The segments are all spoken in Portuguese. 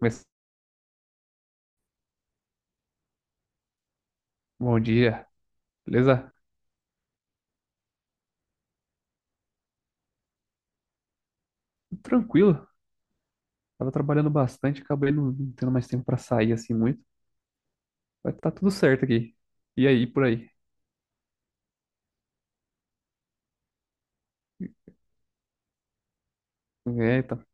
Começa- Bom dia, beleza? Tranquilo. Tava trabalhando bastante, acabei não tendo mais tempo pra sair assim muito. Vai tá tudo certo aqui. E aí, por aí? Eita.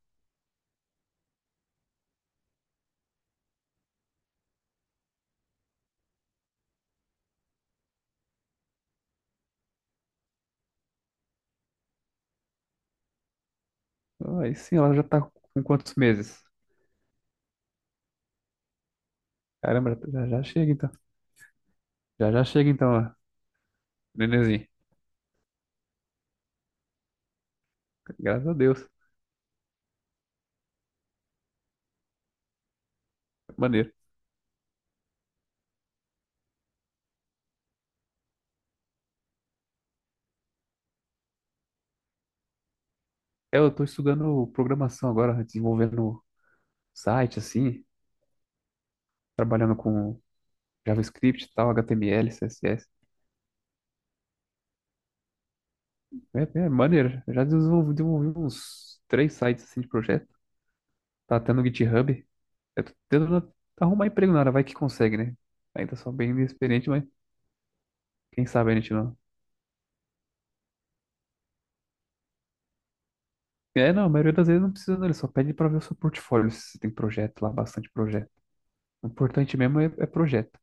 Aí sim, ela já tá com quantos meses? Caramba, já já chega então. Já já chega então, ó, nenenzinho. Graças a Deus. Maneiro. É, eu tô estudando programação agora, desenvolvendo site assim, trabalhando com JavaScript e tal, HTML, CSS. É, é maneiro. Eu já desenvolvi uns três sites assim de projeto. Tá tendo GitHub? Eu tô tentando arrumar emprego na área, vai que consegue, né? Ainda sou bem inexperiente, mas quem sabe a gente não. É, não, a maioria das vezes não precisa, não. Ele só pede pra ver o seu portfólio, se você tem projeto lá, bastante projeto. O importante mesmo é projeto.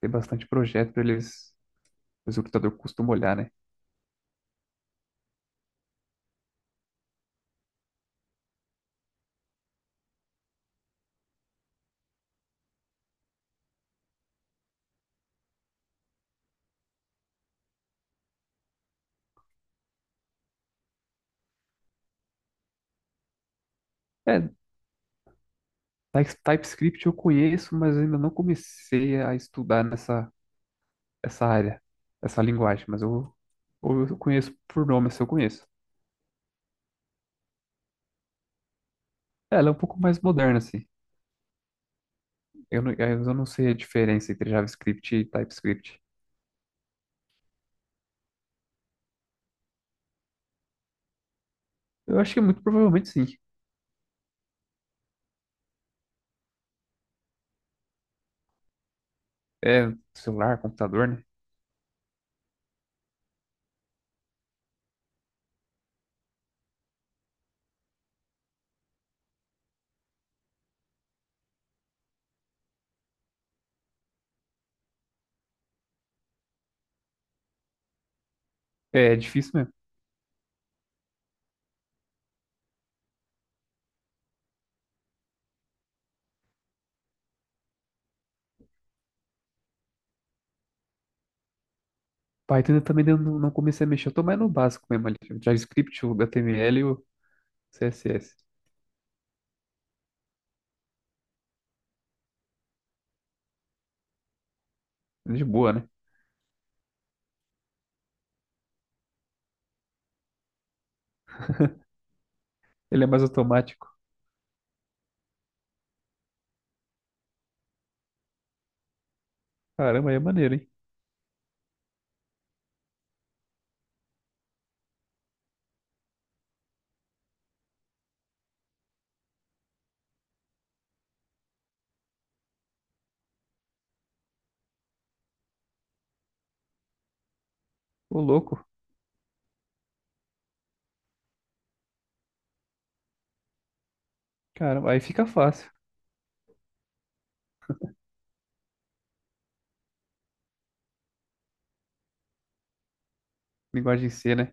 Tem bastante projeto pra eles, o recrutador costuma olhar, né? É, TypeScript eu conheço, mas ainda não comecei a estudar essa área, essa linguagem, mas eu conheço por nome, se eu conheço. É, ela é um pouco mais moderna, assim. Eu não, é, eu não sei a diferença entre JavaScript e TypeScript. Eu acho que muito provavelmente sim. É celular, computador, né? É é difícil mesmo. Python eu também não, não comecei a mexer. Eu tô mais no básico mesmo ali. O JavaScript, o HTML e o CSS. De boa, né? Ele é mais automático. Caramba, aí é maneiro, hein? Ô, louco. Caramba, aí fica fácil. Linguagem C, né?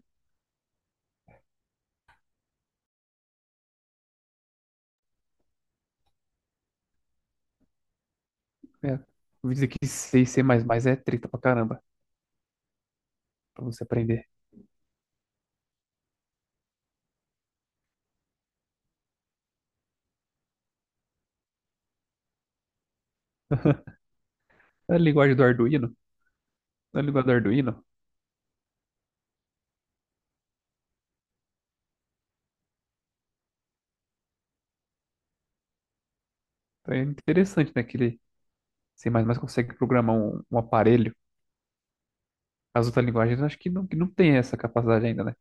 É. Vou dizer que C e C++ é treta pra caramba. Pra você aprender. A linguagem do Arduino. A linguagem do Arduino. É interessante, né? Que ele C++ consegue programar um, um aparelho. As outras linguagens, eu acho que não tem essa capacidade ainda, né?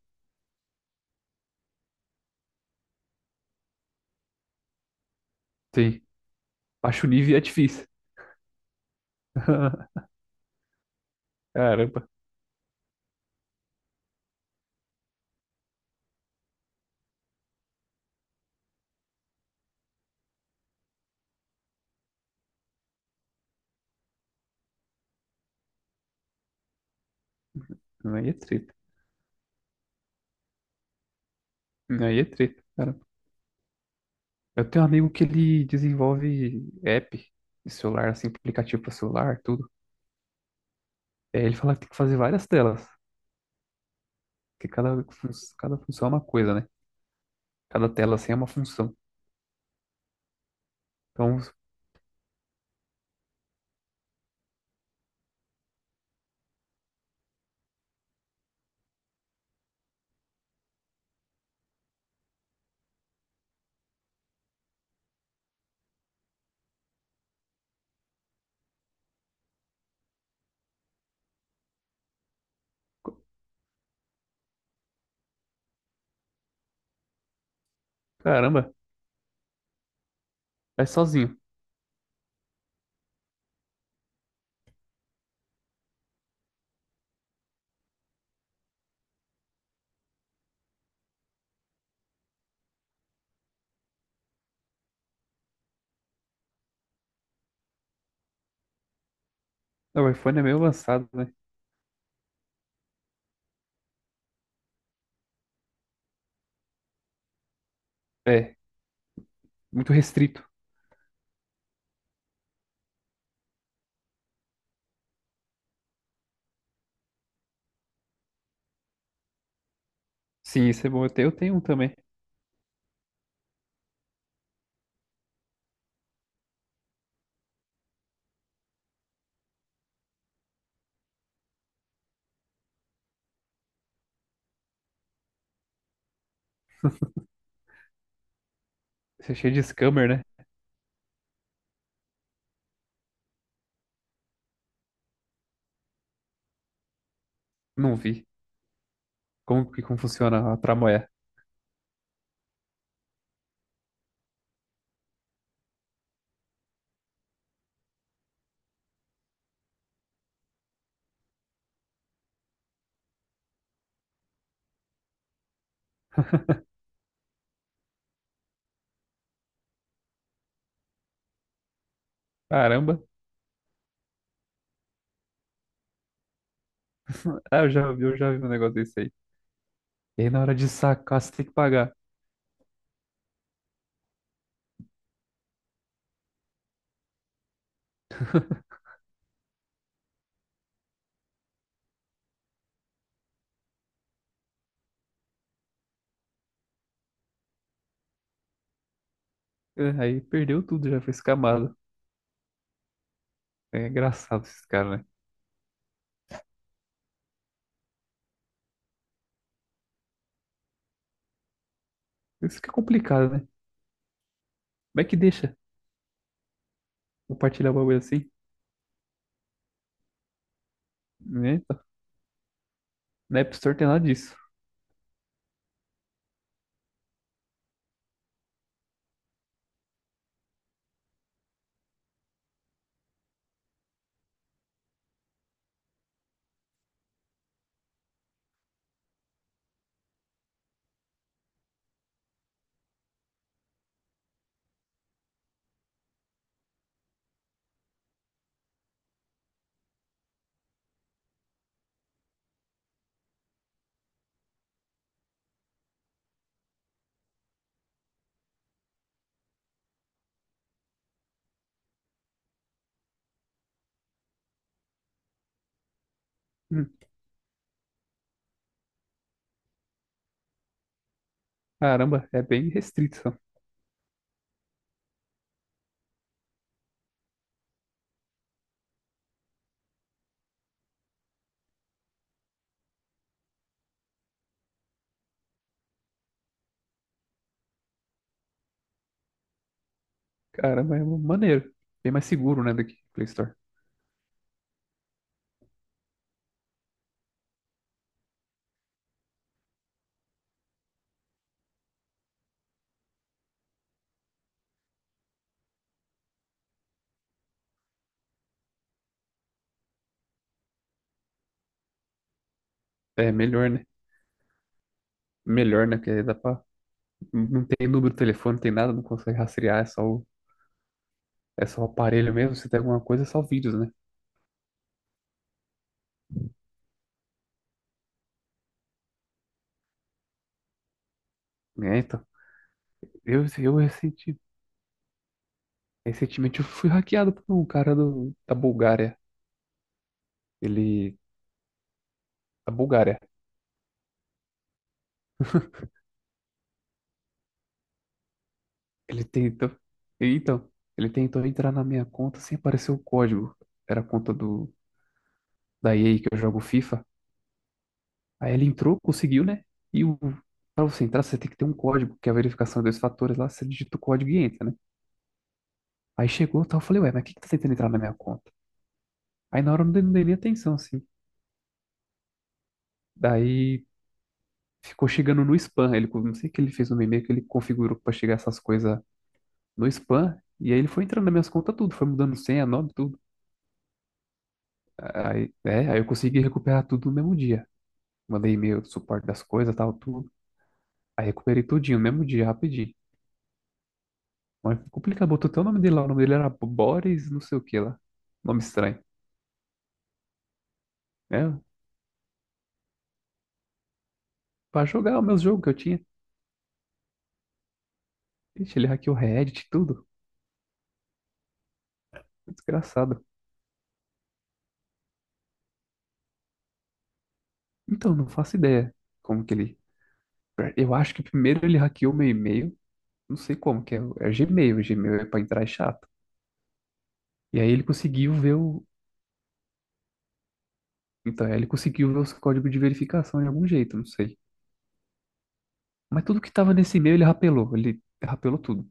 Sim. Baixa nível é difícil. Caramba, aí é treta. Aí é treta, caramba. Eu tenho um amigo que ele desenvolve app de celular, assim, aplicativo para celular, tudo. É, ele fala que tem que fazer várias telas, que cada, fun- cada função é uma coisa, né? Cada tela, assim, é uma função. Então, caramba, vai sozinho. O iPhone é meio avançado, né? É, muito restrito. Sim, isso é bom. Eu tenho um também. Isso é cheio de scammer, né? Não vi. Como que como funciona a tramoia? Caramba. Ah, eu já vi um negócio desse aí. E aí na hora de sacar, você tem que pagar. É, aí perdeu tudo, já foi escamado. É engraçado esses caras, né? Isso que é complicado, né? Como é que deixa compartilhar o bagulho assim? Né? Na App Store tem nada disso. Hum. Caramba, é bem restrito. Cara, mas é maneiro. Bem mais seguro, né, do que Play Store. É melhor, né? Melhor, né? Porque dá pra... Não tem número de telefone, não tem nada, não consegue rastrear, é só o aparelho mesmo. Se tem alguma coisa, é só vídeos, né? É, então. Eu, recentemente eu fui hackeado por um cara do, da Bulgária. Ele. Da Bulgária. Ele tentou. Então, ele tentou entrar na minha conta sem aparecer o código. Era a conta do da EA que eu jogo FIFA. Aí ele entrou, conseguiu, né? E o, para você entrar, você tem que ter um código, que é a verificação de dois fatores lá, você digita o código e entra, né? Aí chegou, tal, eu falei, ué, mas quem que tá tentando entrar na minha conta? Aí na hora eu não dei, não dei nem atenção, assim. Daí ficou chegando no spam. Ele, não sei o que ele fez no meu e-mail, que ele configurou pra chegar essas coisas no spam. E aí ele foi entrando nas minhas contas tudo, foi mudando senha, nome, tudo. Aí, é, aí eu consegui recuperar tudo no mesmo dia. Mandei e-mail do suporte das coisas, tal, tudo. Aí recuperei tudinho, mesmo dia, rapidinho. Mas complicado, botou até o nome dele lá. O nome dele era Boris, não sei o que lá. Nome estranho, né? Pra jogar o meu jogo que eu tinha. Ixi, ele hackeou Reddit, e tudo. Desgraçado. Então, não faço ideia como que ele. Eu acho que primeiro ele hackeou meu e-mail. Não sei como, que é, o- é o Gmail. O Gmail é pra entrar é chato. E aí ele conseguiu ver o. Então, ele conseguiu ver os códigos de verificação de algum jeito, não sei. Mas tudo que tava nesse e-mail ele rapelou. Ele rapelou tudo.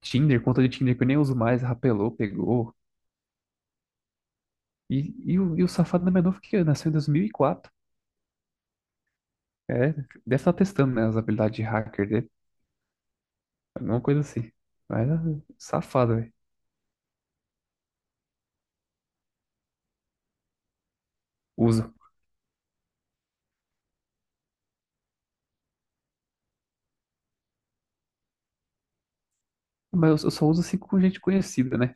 Tinder, conta de Tinder que eu nem uso mais, rapelou, pegou. E, e o safado da menor que nasceu em 2004. É, deve estar testando, né, as habilidades de hacker dele, alguma coisa assim. Mas é safado, velho. Uso. Mas eu só uso assim com gente conhecida, né?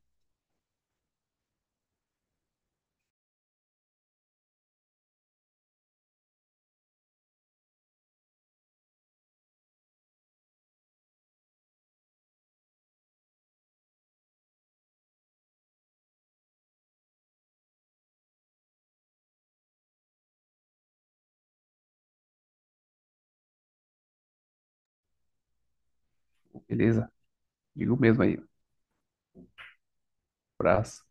Beleza, digo mesmo aí. Abraço.